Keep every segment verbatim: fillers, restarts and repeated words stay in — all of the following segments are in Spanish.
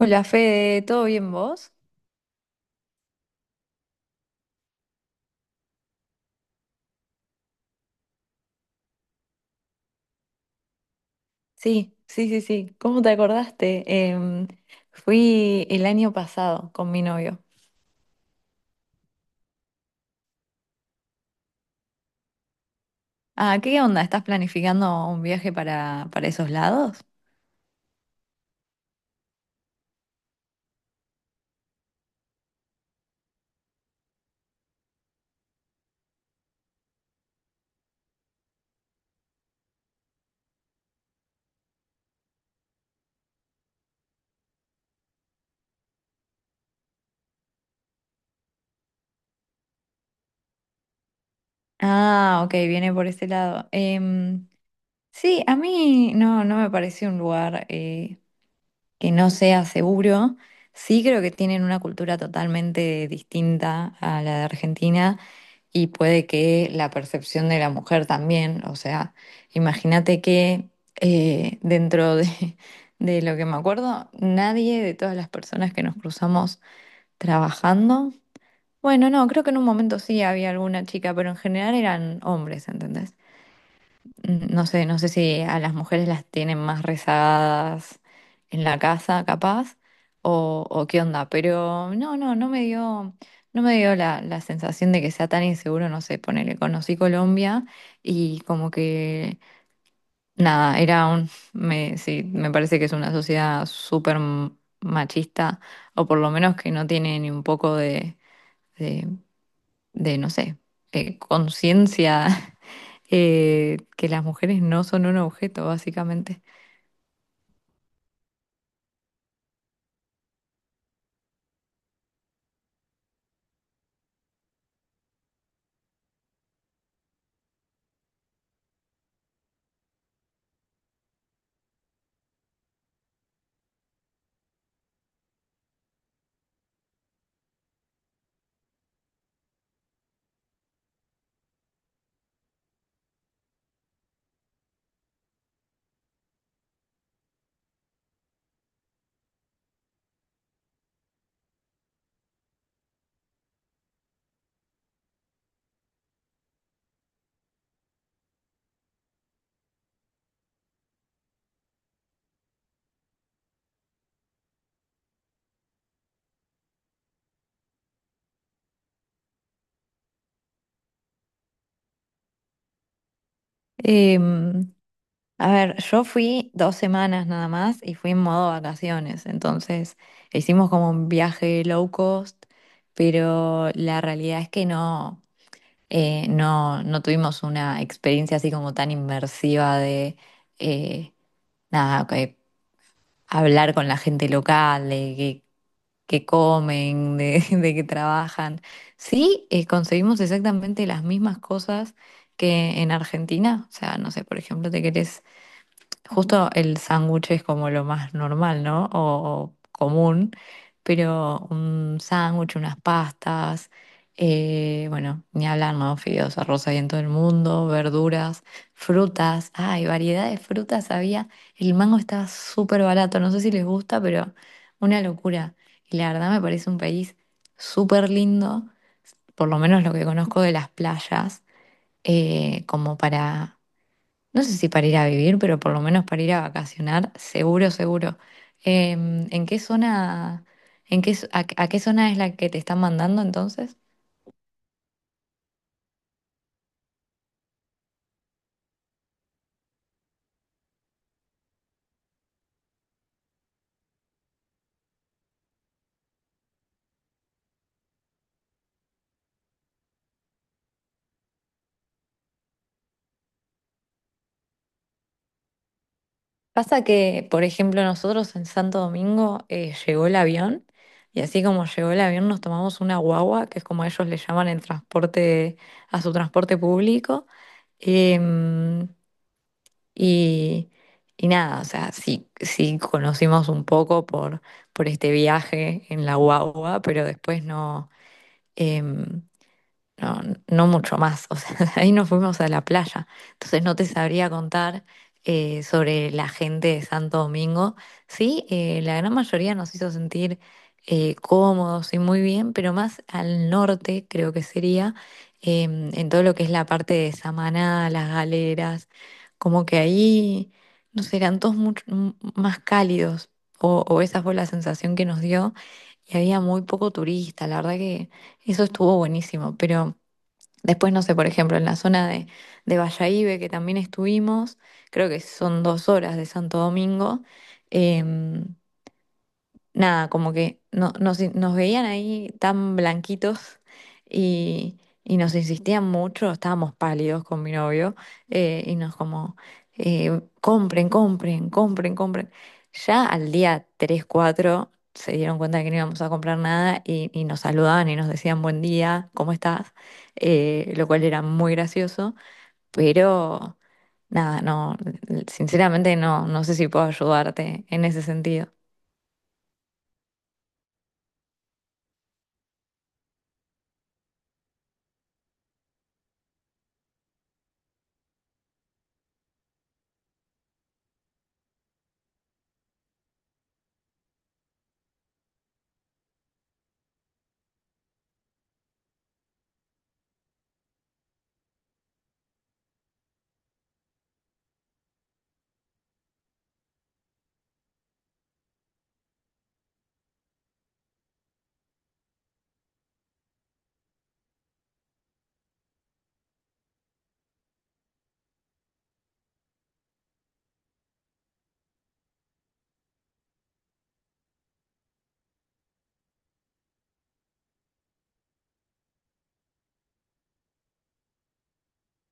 Hola Fede, ¿todo bien vos? Sí, sí, sí, sí. ¿Cómo te acordaste? Em, fui el año pasado con mi novio. Ah, ¿qué onda? ¿Estás planificando un viaje para, para esos lados? Ah, ok, viene por ese lado. Em, sí, a mí no, no me pareció un lugar, eh, que no sea seguro. Sí creo que tienen una cultura totalmente distinta a la de Argentina y puede que la percepción de la mujer también, o sea, imagínate que eh, dentro de, de lo que me acuerdo, nadie de todas las personas que nos cruzamos trabajando, bueno, no, creo que en un momento sí había alguna chica, pero en general eran hombres, ¿entendés? No sé, no sé si a las mujeres las tienen más rezagadas en la casa, capaz, o, o qué onda, pero no, no, no me dio, no me dio la, la sensación de que sea tan inseguro, no sé, ponele, conocí Colombia y como que, nada, era un, me, sí, me parece que es una sociedad súper m- machista, o por lo menos que no tiene ni un poco de, de, de, no sé, eh, conciencia, eh, que las mujeres no son un objeto, básicamente. Em, a ver, yo fui dos semanas nada más y fui en modo vacaciones, entonces hicimos como un viaje low cost, pero la realidad es que no, eh, no, no tuvimos una experiencia así como tan inmersiva de eh, nada, que hablar con la gente local, de que comen, de, de que trabajan. Sí, eh, conseguimos exactamente las mismas cosas que en Argentina. O sea, no sé, por ejemplo, te querés Justo el sándwich es como lo más normal, ¿no? O, o común, pero un sándwich, unas pastas, eh, bueno, ni hablar, ¿no? Fideos, arroz ahí en todo el mundo, verduras, frutas, ay, variedad de frutas había. El mango estaba súper barato, no sé si les gusta, pero una locura. Y la verdad me parece un país súper lindo, por lo menos lo que conozco de las playas, eh, como para no sé si para ir a vivir, pero por lo menos para ir a vacacionar, seguro, seguro. Em, ¿en qué zona, en qué, a, a qué zona es la que te están mandando entonces? Pasa que, por ejemplo, nosotros en Santo Domingo eh, llegó el avión y así como llegó el avión nos tomamos una guagua, que es como ellos le llaman el transporte, a su transporte público. Em, Y, y nada, o sea, sí, sí conocimos un poco por, por este viaje en la guagua, pero después no. em, no, no mucho más. O sea, de ahí nos fuimos a la playa. Entonces no te sabría contar eh, sobre la gente de Santo Domingo. Sí, eh, la gran mayoría nos hizo sentir eh, cómodos y muy bien, pero más al norte creo que sería, em, en todo lo que es la parte de Samaná, las galeras, como que ahí, no sé, eran todos mucho m- más cálidos, o, o esa fue la sensación que nos dio, y había muy poco turista, la verdad que... Eso estuvo buenísimo, pero después, no sé, por ejemplo, en la zona de, de Bayahibe, que también estuvimos, creo que son dos horas de Santo Domingo, em, nada, como que no, nos, nos veían ahí tan blanquitos y, y nos insistían mucho, estábamos pálidos con mi novio, eh, y nos como, eh, compren, compren, compren, compren. Ya al día tres cuatro se dieron cuenta de que no íbamos a comprar nada y, y nos saludaban y nos decían buen día, ¿cómo estás? Eh, lo cual era muy gracioso, pero nada, no, sinceramente no, no sé si puedo ayudarte en ese sentido.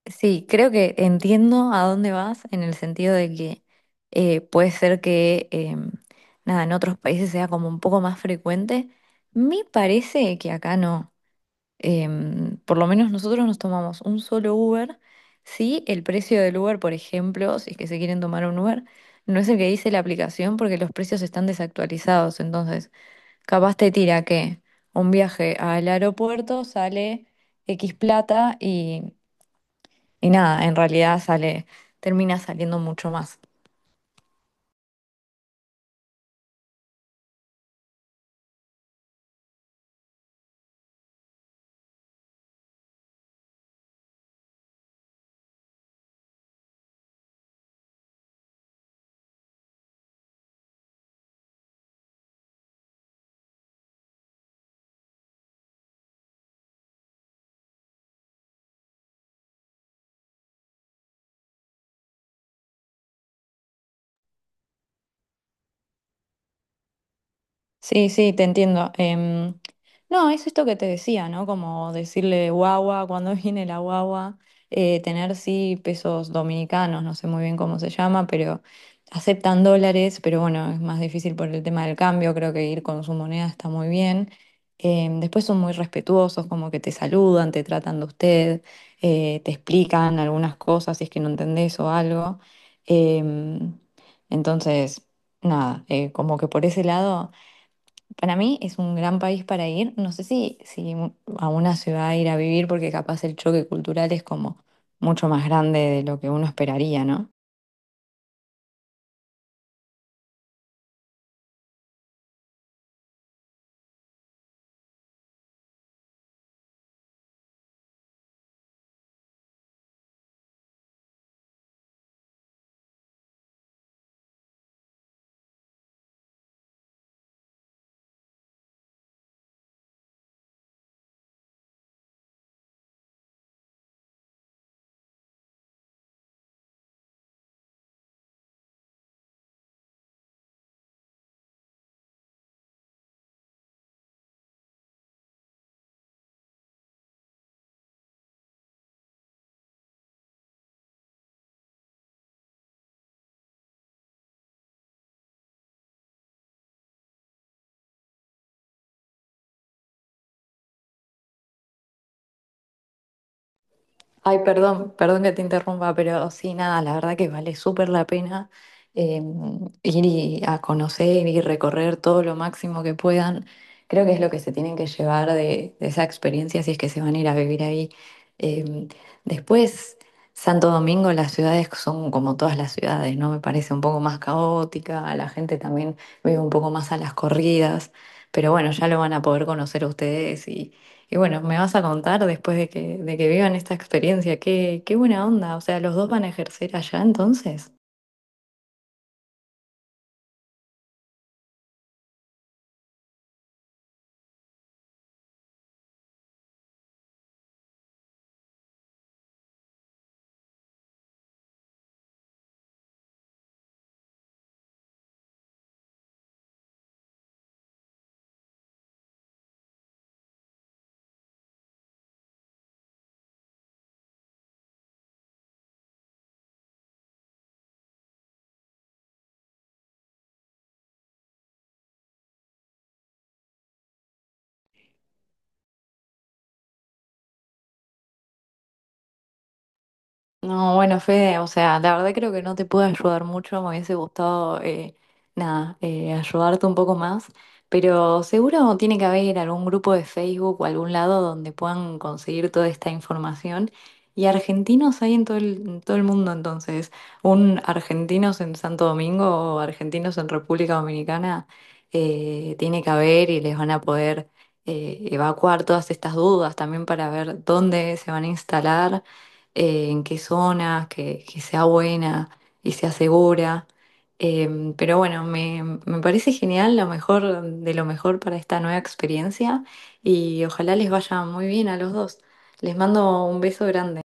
Sí, creo que entiendo a dónde vas en el sentido de que eh, puede ser que em, nada, en otros países sea como un poco más frecuente. Me parece que acá no. Em, por lo menos nosotros nos tomamos un solo Uber. Si el precio del Uber, por ejemplo, si es que se quieren tomar un Uber, no es el que dice la aplicación porque los precios están desactualizados. Entonces, capaz te tira que un viaje al aeropuerto sale X plata y nada, en realidad sale, termina saliendo mucho más. Sí, sí, te entiendo. Em, no, es esto que te decía, ¿no? Como decirle guagua, cuando viene la guagua, eh, tener sí pesos dominicanos, no sé muy bien cómo se llama, pero aceptan dólares, pero bueno, es más difícil por el tema del cambio, creo que ir con su moneda está muy bien. Em, después son muy respetuosos, como que te saludan, te tratan de usted, eh, te explican algunas cosas si es que no entendés o algo. Em, entonces, nada, eh, como que por ese lado... Para mí es un gran país para ir. No sé si, si a una ciudad ir a vivir, porque capaz el choque cultural es como mucho más grande de lo que uno esperaría, ¿no? Ay, perdón, perdón que te interrumpa, pero sí, nada, la verdad que vale súper la pena eh, ir y- a conocer y recorrer todo lo máximo que puedan. Creo que es lo que se tienen que llevar de, de esa experiencia si es que se van a ir a vivir ahí. Eh, después, Santo Domingo, las ciudades son como todas las ciudades, ¿no? Me parece un poco más caótica, la gente también vive un poco más a las corridas, pero bueno, ya lo van a poder conocer ustedes y bueno, me vas a contar después de que, de que vivan esta experiencia, qué, qué buena onda. O sea, ¿los dos van a ejercer allá entonces? No, bueno, Fede, o sea, la verdad creo que no te pude ayudar mucho, me hubiese gustado, eh, nada, eh, ayudarte un poco más, pero seguro tiene que haber algún grupo de Facebook o algún lado donde puedan conseguir toda esta información. Y argentinos hay en todo el, en todo el mundo, entonces, un argentinos en Santo Domingo o argentinos en República Dominicana, eh, tiene que haber y les van a poder eh, evacuar todas estas dudas también para ver dónde se van a instalar, eh, en qué zonas, que, que sea buena y sea segura. Eh, pero bueno, me, me parece genial, lo mejor de lo mejor para esta nueva experiencia y ojalá les vaya muy bien a los dos. Les mando un beso grande.